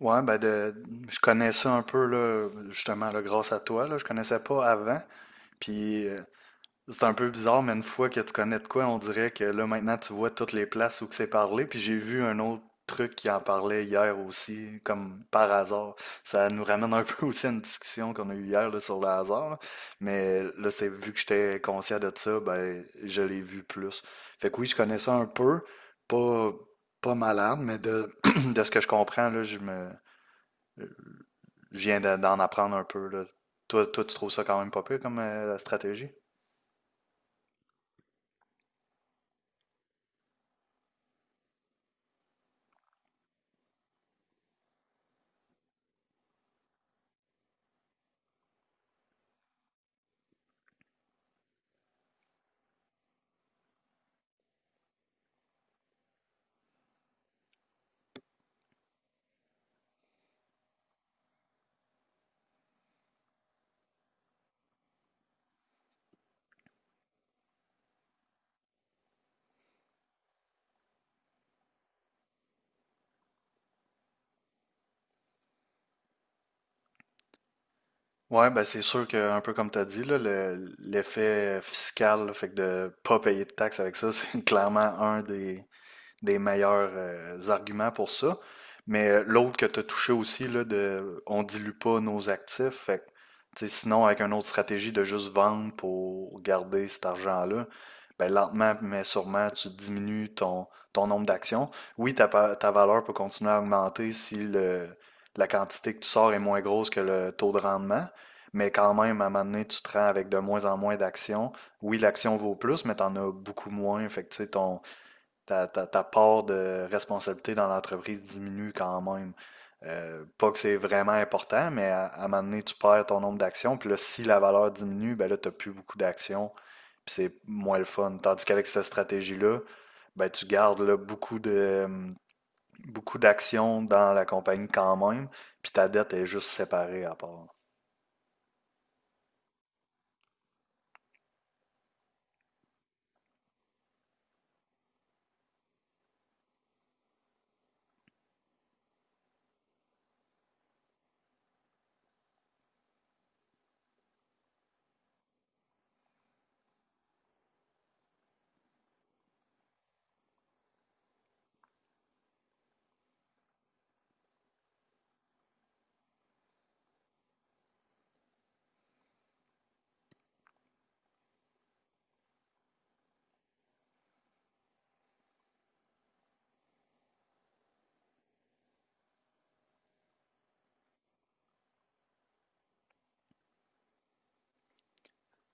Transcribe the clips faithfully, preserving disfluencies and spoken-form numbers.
Ouais, ben de, je connais ça un peu là, justement là, grâce à toi là, je connaissais pas avant. Puis euh, c'est un peu bizarre, mais une fois que tu connais de quoi, on dirait que là maintenant tu vois toutes les places où que c'est parlé. Puis j'ai vu un autre truc qui en parlait hier aussi, comme par hasard. Ça nous ramène un peu aussi à une discussion qu'on a eue hier là, sur le hasard. Là. Mais là, c'est vu que j'étais conscient de ça, ben je l'ai vu plus. Fait que oui, je connais ça un peu, pas pas malade, mais de de ce que je comprends là, je me je viens d'en apprendre un peu, là. Toi, toi, tu trouves ça quand même pas pire comme euh, stratégie? Ouais, ben c'est sûr que, un peu comme tu as dit, là, le- l'effet fiscal, là, fait que de pas payer de taxes avec ça, c'est clairement un des, des meilleurs euh, arguments pour ça. Mais euh, l'autre que tu as touché aussi, là, de on dilue pas nos actifs, fait que, tu sais, sinon, avec une autre stratégie de juste vendre pour garder cet argent-là, ben, lentement, mais sûrement, tu diminues ton, ton nombre d'actions. Oui, ta, pa- ta valeur peut continuer à augmenter si le, la quantité que tu sors est moins grosse que le taux de rendement, mais quand même, à un moment donné, tu te rends avec de moins en moins d'actions. Oui, l'action vaut plus, mais tu en as beaucoup moins. Fait que, tu sais, ton, ta, ta- ta part de responsabilité dans l'entreprise diminue quand même. Euh, pas que c'est vraiment important, mais à, à un moment donné, tu perds ton nombre d'actions. Puis là, si la valeur diminue, ben là, tu n'as plus beaucoup d'actions. Puis c'est moins le fun. Tandis qu'avec cette stratégie-là, ben, tu gardes là, beaucoup de, beaucoup d'actions dans la compagnie quand même. Puis ta dette est juste séparée à part.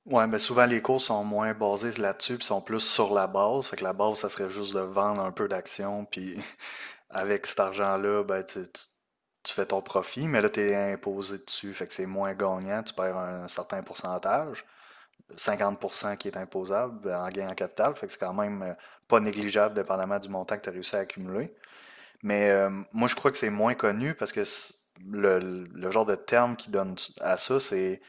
Ouais, ben souvent les cours sont moins basés là-dessus, puis sont plus sur la base. Fait que la base, ça serait juste de vendre un peu d'actions, puis avec cet argent-là, ben, tu, tu- tu fais ton profit, mais là, tu es imposé dessus, fait que c'est moins gagnant, tu perds un certain pourcentage. Cinquante pour cent qui est imposable ben, en gain en capital, fait que c'est quand même euh, pas négligeable dépendamment du montant que tu as réussi à accumuler. Mais euh, moi, je crois que c'est moins connu parce que c- le, le genre de terme qu'ils donnent à ça, c'est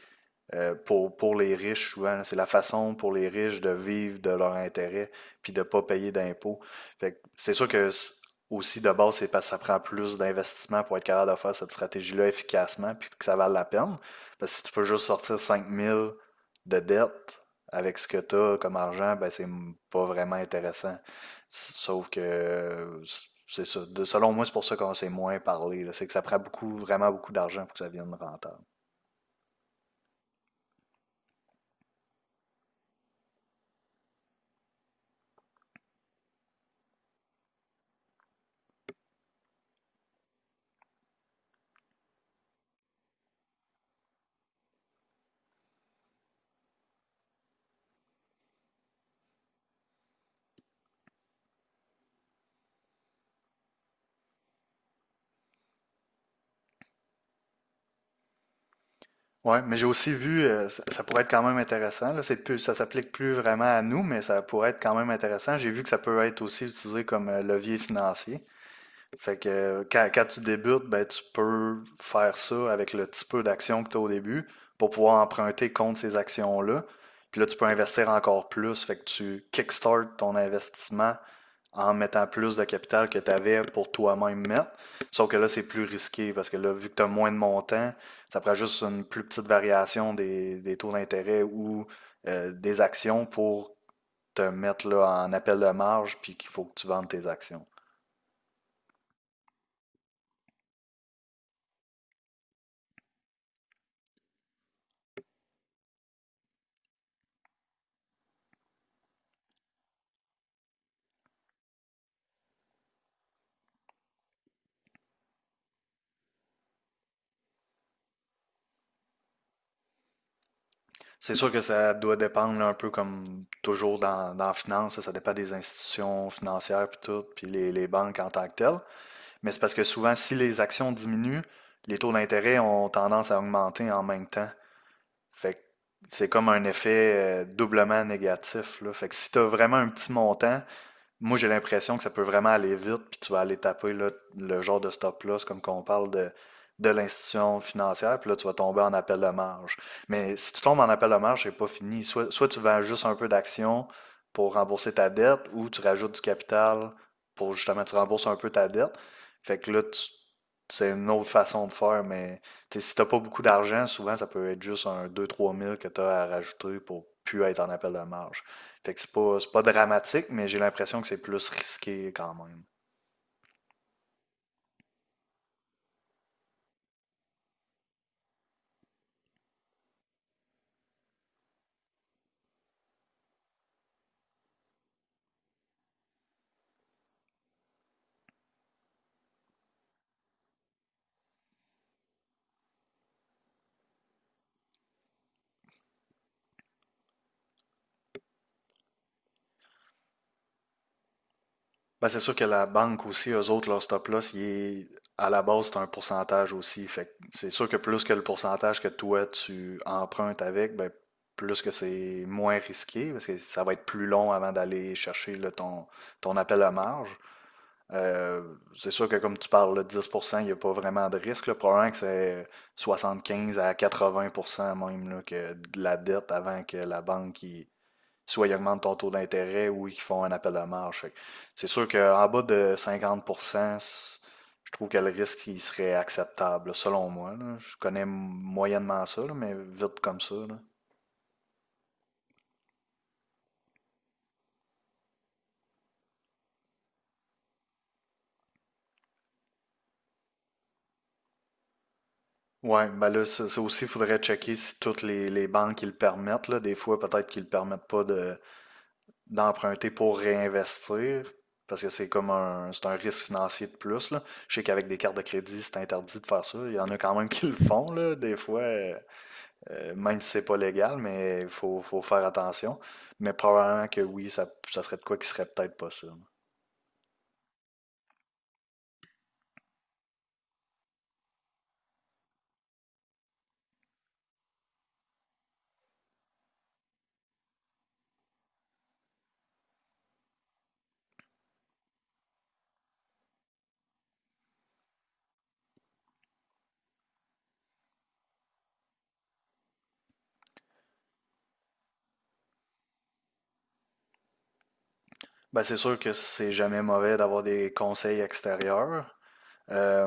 euh, pour, pour les riches, souvent, c'est la façon pour les riches de vivre de leur intérêt puis de ne pas payer d'impôts. Fait que c'est sûr que c- aussi de base, c'est parce que ça prend plus d'investissement pour être capable de faire cette stratégie-là efficacement puis que ça vale la peine. Parce que si tu peux juste sortir cinq mille de dette avec ce que tu as comme argent, ben c'est m- pas vraiment intéressant. S- Sauf que euh, c- c'est ça. De- selon moi, c'est pour ça qu'on s'est moins parlé. Là. C'est que ça prend beaucoup, vraiment beaucoup d'argent pour que ça vienne rentable. Ouais, mais j'ai aussi vu, euh, ça, ça pourrait être quand même intéressant. Là, c'est plus, ça s'applique plus vraiment à nous, mais ça pourrait être quand même intéressant. J'ai vu que ça peut être aussi utilisé comme euh, levier financier. Fait que euh, quand, quand tu débutes, ben, tu peux faire ça avec le petit peu d'action que tu as au début pour pouvoir emprunter contre ces actions-là. Puis là, tu peux investir encore plus. Fait que tu kickstart ton investissement en mettant plus de capital que tu avais pour toi-même mettre. Sauf que là, c'est plus risqué parce que là, vu que tu as moins de montants, ça prend juste une plus petite variation des, des taux d'intérêt ou euh, des actions pour te mettre là, en appel de marge puis qu'il faut que tu vendes tes actions. C'est sûr que ça doit dépendre là, un peu comme toujours dans, dans la finance, ça, ça dépend des institutions financières puis tout, puis les, les banques en tant que telles. Mais c'est parce que souvent, si les actions diminuent, les taux d'intérêt ont tendance à augmenter en même temps. Fait que c'est comme un effet euh, doublement négatif, là. Fait que si tu as vraiment un petit montant, moi, j'ai l'impression que ça peut vraiment aller vite, puis tu vas aller taper là, le genre de stop-loss, comme qu'on parle de, de l'institution financière, puis là, tu vas tomber en appel de marge. Mais si tu tombes en appel de marge, c'est pas fini. Soit, soit tu vends juste un peu d'action pour rembourser ta dette, ou tu rajoutes du capital pour justement, tu rembourses un peu ta dette. Fait que là, tu- c'est une autre façon de faire, mais tu sais, si t'as pas beaucoup d'argent, souvent, ça peut être juste un deux trois mille que tu as à rajouter pour plus être en appel de marge. Fait que c'est pas, c'est pas dramatique, mais j'ai l'impression que c'est plus risqué quand même. Ben, c'est sûr que la banque aussi, eux autres, leur stop-loss, il est- à la base, c'est un pourcentage aussi. Fait que c'est sûr que plus que le pourcentage que toi, tu empruntes avec, ben, plus que c'est moins risqué, parce que ça va être plus long avant d'aller chercher là, ton, ton appel à marge. Euh, c'est sûr que comme tu parles, le dix pour cent il n'y a pas vraiment de risque. Là. Probablement que c'est soixante quinze à quatre-vingts pour cent même là, que de la dette avant que la banque... il- soit ils augmentent ton taux d'intérêt ou ils font un appel de marge. Fait que c'est sûr qu'en bas de cinquante pour cent, c- je trouve que le risque il serait acceptable, là, selon moi. Là. Je connais m- moyennement ça, là, mais vite comme ça. Là. Ouais, ben là, ça, ça aussi, il faudrait checker si toutes les, les banques qui le permettent, là. Des fois, peut-être qu'ils ne le permettent pas de, d'emprunter pour réinvestir, parce que c'est comme un, c'est un risque financier de plus, là. Je sais qu'avec des cartes de crédit, c'est interdit de faire ça. Il y en a quand même qui le font, là, des fois. euh, Euh, même si c'est pas légal, mais il faut, faut faire attention. Mais probablement que oui, ça, ça serait de quoi qui serait peut-être possible. Ben, c'est sûr que c'est jamais mauvais d'avoir des conseils extérieurs. Euh,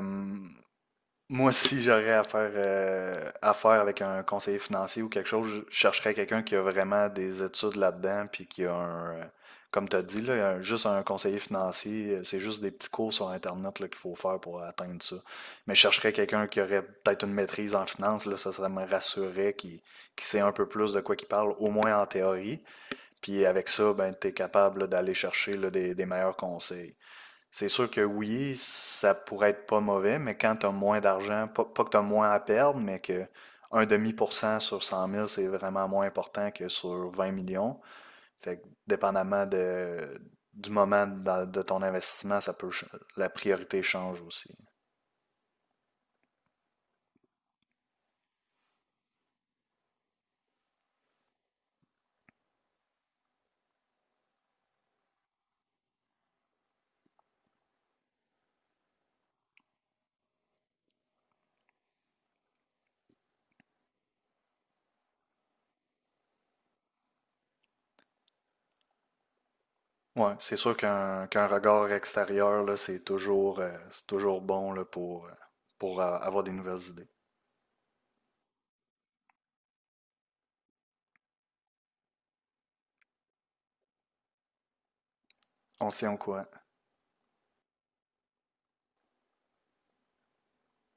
Moi, si j'aurais affaire, euh, affaire avec un conseiller financier ou quelque chose, je chercherais quelqu'un qui a vraiment des études là-dedans, puis qui a un, euh, comme tu as dit, là, un- juste un conseiller financier, euh, c'est juste des petits cours sur Internet là, qu'il faut faire pour atteindre ça. Mais je chercherais quelqu'un qui aurait peut-être une maîtrise en finance, là, ça, ça me rassurerait, qui, qui sait un peu plus de quoi qu'il parle, au moins en théorie. Puis avec ça, ben, tu es capable là, d'aller chercher là, des, des meilleurs conseils. C'est sûr que oui, ça pourrait être pas mauvais, mais quand tu as moins d'argent, pas, pas que tu as moins à perdre, mais que un demi pour cent sur cent mille c'est vraiment moins important que sur vingt millions. Fait que dépendamment de, du moment dans- de, ton investissement, ça peut, ch- la priorité change aussi. Ouais, c'est sûr qu'un qu'un regard extérieur, là, c'est toujours, euh, c'est toujours bon là, pour, euh, pour euh, avoir des nouvelles idées. On s'y en courant.